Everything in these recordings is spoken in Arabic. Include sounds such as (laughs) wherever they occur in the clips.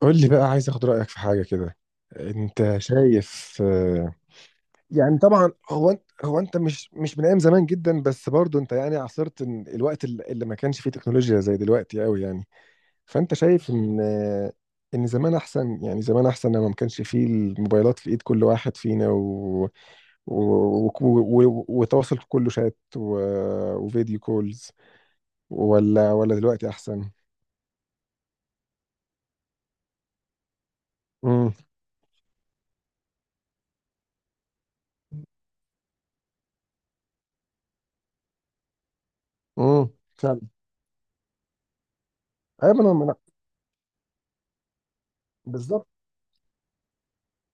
قول لي بقى، عايز اخد رأيك في حاجة كده. انت شايف يعني طبعا هو انت هو انت، مش من ايام زمان جدا، بس برضو انت يعني عاصرت إن الوقت اللي ما كانش فيه تكنولوجيا زي دلوقتي قوي، يعني فانت شايف ان ان زمان احسن. يعني زمان احسن لما ما كانش فيه الموبايلات في ايد كل واحد فينا و... و- و- و- وتواصل كله شات و... وفيديو كولز، ولا دلوقتي احسن؟ امم امم فعلا. ايوه، ما انا ما أنا- بالظبط.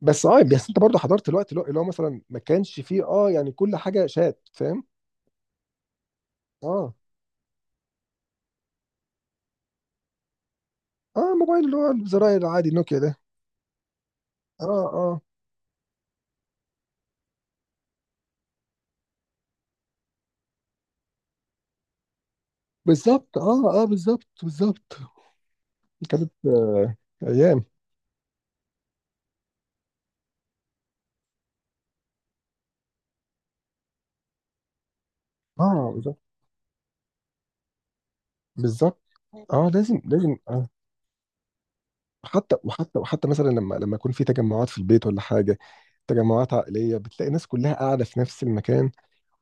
بس اه، بس انت برضه حضرت الوقت اللي هو مثلا ما كانش فيه، اه يعني، كل حاجه شات، فاهم. اه اه، موبايل اللي هو الزراير العادي نوكيا ده. اه اه بالظبط، اه اه بالظبط بالظبط. كانت آه، ايام. اه بالظبط بالظبط، اه لازم لازم آه. حتى وحتى مثلا لما يكون في تجمعات في البيت ولا حاجه، تجمعات عائليه، بتلاقي ناس كلها قاعده في نفس المكان،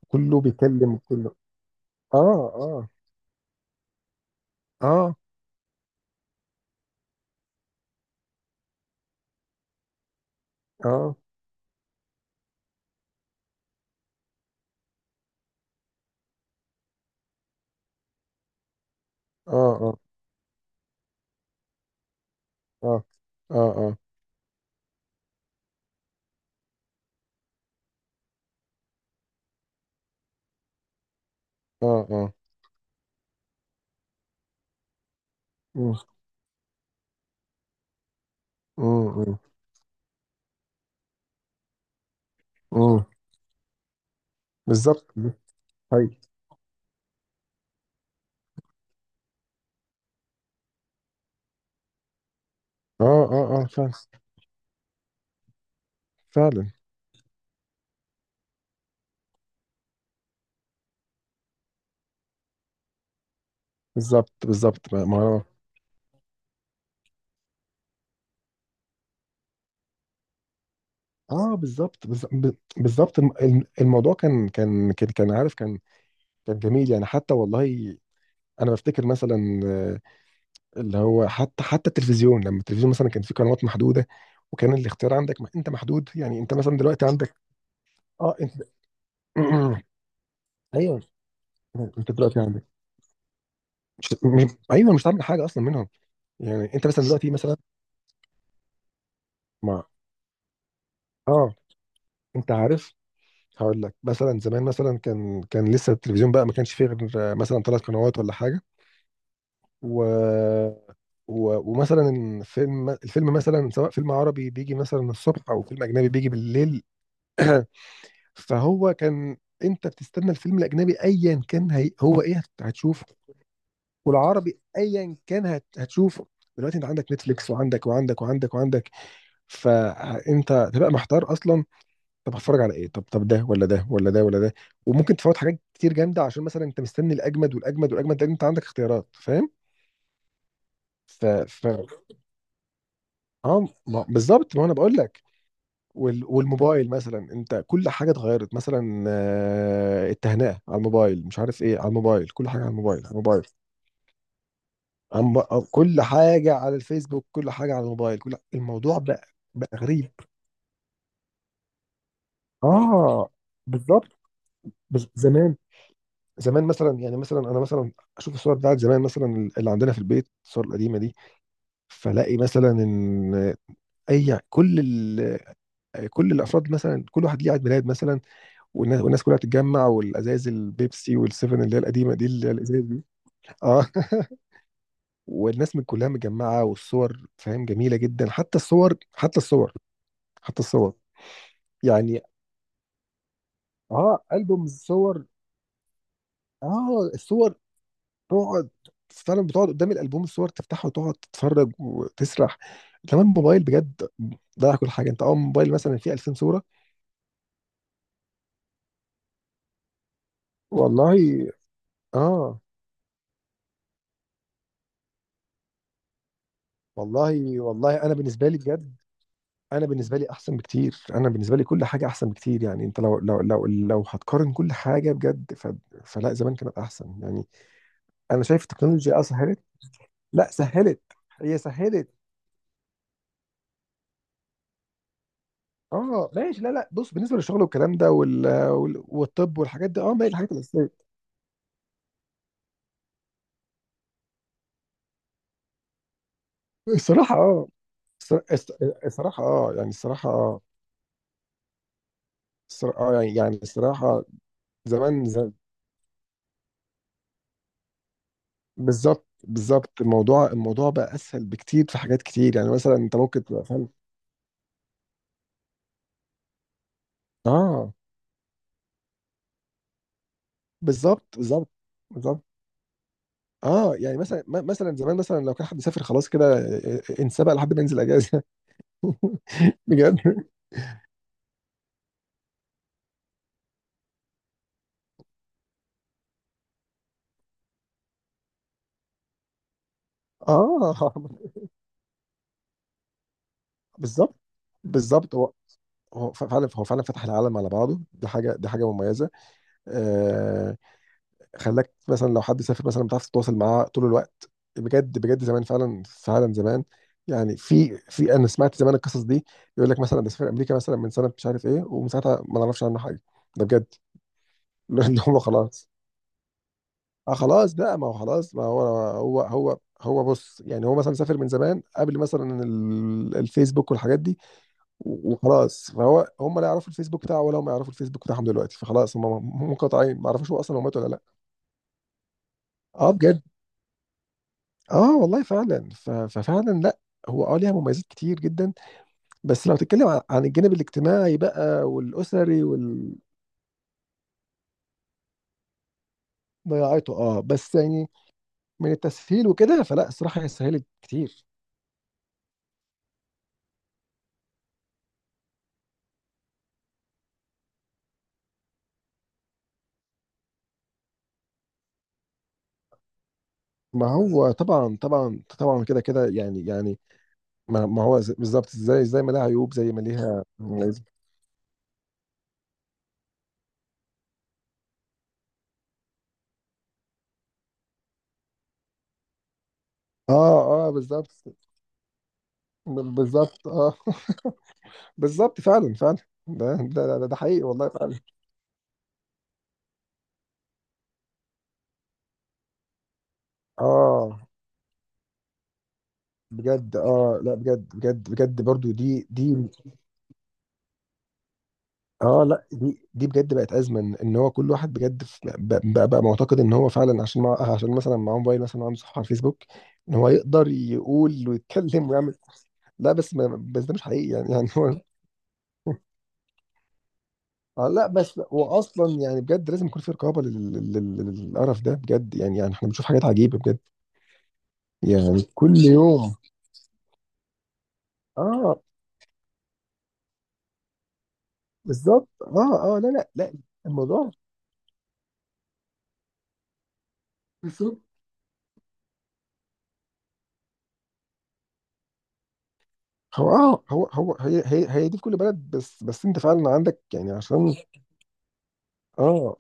كله بيكلم كله. اه اه اه اه اه اه اه اه اه اه. مم. مم. مم. بالظبط. هاي. اه اه اه فعلا. فعلا بالظبط. بالظبط ما اه بالظبط بالظبط، الموضوع كان عارف، كان كان جميل يعني حتى والله. انا بفتكر مثلا اللي هو حتى التلفزيون، لما التلفزيون مثلا كان فيه قنوات محدوده، وكان الاختيار عندك ما انت محدود، يعني انت مثلا دلوقتي عندك. اه انت (clears throat) ايوه، انت دلوقتي عندك ايوه، مش هتعمل حاجه اصلا منهم. يعني انت مثلا دلوقتي مثلا ما، اه انت عارف. هقول لك مثلا، زمان مثلا كان لسه التلفزيون بقى، ما كانش فيه غير مثلا ثلاث قنوات ولا حاجه، و... و... ومثلا الفيلم الفيلم، مثلا سواء فيلم عربي بيجي مثلا الصبح، او فيلم اجنبي بيجي بالليل، فهو كان، انت بتستنى الفيلم الاجنبي ايا كان هي... هو ايه هت- هتشوفه، والعربي ايا كان هتشوفه. دلوقتي انت عندك نتفليكس وعندك وعندك وعندك وعندك، فانت تبقى محتار اصلا. طب هتفرج على ايه؟ طب ده ولا ده ولا ده ولا ده؟ وممكن تفوت حاجات كتير جامده، عشان مثلا انت مستني الاجمد والاجمد والاجمد، لان انت عندك اختيارات، فاهم. ف اه بالظبط، ما انا بقول لك. وال... والموبايل مثلا، انت كل حاجه اتغيرت، مثلا التهنئه على الموبايل، مش عارف ايه على الموبايل، كل حاجه على الموبايل، على الموبايل على الموب- آه، كل حاجه على الفيسبوك، كل حاجه على الموبايل، كل الموضوع بقى، بقى غريب. اه بالظبط. زمان، زمان مثلا، يعني مثلا انا مثلا اشوف الصور بتاعت زمان، مثلا اللي عندنا في البيت الصور القديمه دي، فلاقي مثلا ان اي كل الافراد مثلا كل واحد ليه عيد ميلاد مثلا، والناس كلها تتجمع، والازايز البيبسي والسيفن اللي هي القديمه دي، اللي هي الازايز دي. اه (laughs) والناس من كلها متجمعه، والصور فاهم جميله جدا. حتى الصور، حتى الصور، حتى الصور يعني. اه البوم الصور. اه الصور، تقعد، فعلا بتقعد قدام الالبوم الصور تفتحه وتقعد تتفرج وتسرح. كمان موبايل بجد ضيع كل حاجه، انت اه موبايل مثلا فيه 2000 صوره. والله اه، والله والله انا بالنسبه لي بجد، انا بالنسبه لي احسن بكتير، انا بالنسبه لي كل حاجه احسن بكتير. يعني انت لو لو هتقارن كل حاجه بجد، ف... فلا، زمان كانت احسن يعني. انا شايف التكنولوجيا اه سهلت، لا سهلت، هي سهلت. اه ماشي، لا لا، بص، بالنسبه للشغل والكلام ده، وال... وال... والطب والحاجات دي اه، ما هي الحاجات الاساسيه. الصراحة اه، الصراحة اه، يعني الصراحة اه، اه يعني يعني الصراحة، زمان بالظبط بالظبط. الموضوع الموضوع بقى اسهل بكتير في حاجات كتير، يعني مثلا انت ممكن تبقى فاهم. اه بالظبط بالظبط بالظبط. اه يعني مثلا مثلا زمان مثلا لو كان حد سافر، خلاص كده انسبق لحد ما ينزل اجازة. (laughs) بجد. اه بالظبط بالظبط. هو هو فعلا، هو فعلا فتح العالم على بعضه، دي حاجه، دي حاجه مميزه. آه. خلاك مثلا لو حد سافر مثلا بتعرف تتواصل معاه طول الوقت. بجد بجد، زمان فعلا، فعلا زمان. يعني في انا سمعت زمان القصص دي، يقول لك مثلا ده سافر امريكا مثلا من سنه مش عارف ايه، ومن ساعتها ما نعرفش عنه حاجه. ده بجد (laughs) اللي هو خلاص. اه خلاص بقى، ما هو خلاص، ما هو هو بص، يعني هو مثلا سافر من زمان قبل مثلا الفيسبوك والحاجات دي، وخلاص، فهو هم لا يعرفوا الفيسبوك بتاعه ولا هم يعرفوا الفيسبوك بتاعهم دلوقتي، فخلاص هم منقطعين، ما يعرفوش هو اصلا هو مات ولا لا. اه بجد، اه والله فعلا، ف- ففعلا لا، هو اه ليها مميزات كتير جدا، بس لو تتكلم عن عن الجانب الاجتماعي بقى والاسري ضياعته اه. بس يعني من التسهيل وكده، فلا الصراحه هي سهلت كتير. ما هو طبعا طبعا طبعا، كده كده يعني يعني، ما, ما هو ز- بالظبط، زي زي ما لها عيوب زي ما ليها مميزات. اه اه بالظبط بالظبط. اه (laughs) بالظبط فعلا فعلا. ده حقيقي والله فعلا. اه بجد، اه لا بجد بجد بجد برضو، دي دي. اه لا، دي دي بجد بقت ازمه، ان إن هو كل واحد بجد بقى معتقد ان هو فعلا، عشان عشان مثلا معاه موبايل مثلا وعنده صفحه على الفيسبوك، ان هو يقدر يقول ويتكلم ويعمل. لا بس ما بس ده مش حقيقي يعني، يعني هو، آه لا، بس هو اصلا يعني بجد لازم يكون في رقابه للقرف ده بجد، يعني يعني احنا بنشوف حاجات عجيبه بجد يعني كل يوم. اه بالظبط اه اه لا لا لا الموضوع. بالظبط. هو اه هو هو هي هي هي دي في كل بلد، بس بس انت فعلا عندك، يعني عشان، اه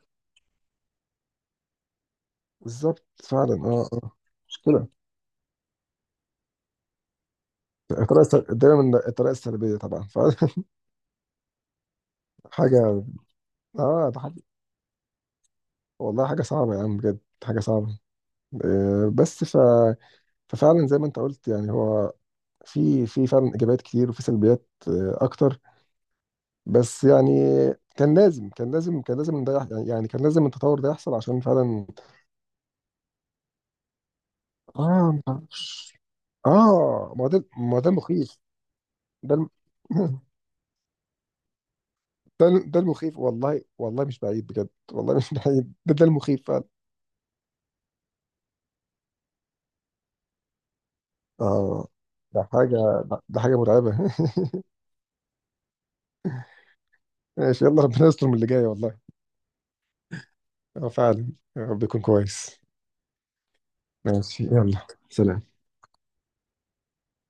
بالظبط فعلا اه اه. مشكلة، دايما الطريقة السلبية طبعا. فحاجة (laughs) اه ده حاجة. والله حاجة صعبة يا عم بجد، حاجة صعبة. آه بس ف... ففعلا زي ما انت قلت، يعني هو في في فعلا ايجابيات كتير وفي سلبيات آه اكتر، بس يعني كان لازم، كان لازم، كان لازم ده يعني يعني كان لازم التطور ده يحصل عشان فعلا. اه ما تعرفش، اه ما هو ده، ما هو ده المخيف. ده الم... (laughs) ده ده المخيف والله، والله مش بعيد بجد، والله مش بعيد، ده ده المخيف فعلا. اه ده حاجة، ده ده حاجة مرعبة. (laughs) ماشي، يلا ربنا يستر من اللي جاي والله. اه فعلا، يا رب يكون كويس. ماشي، يلا سلام.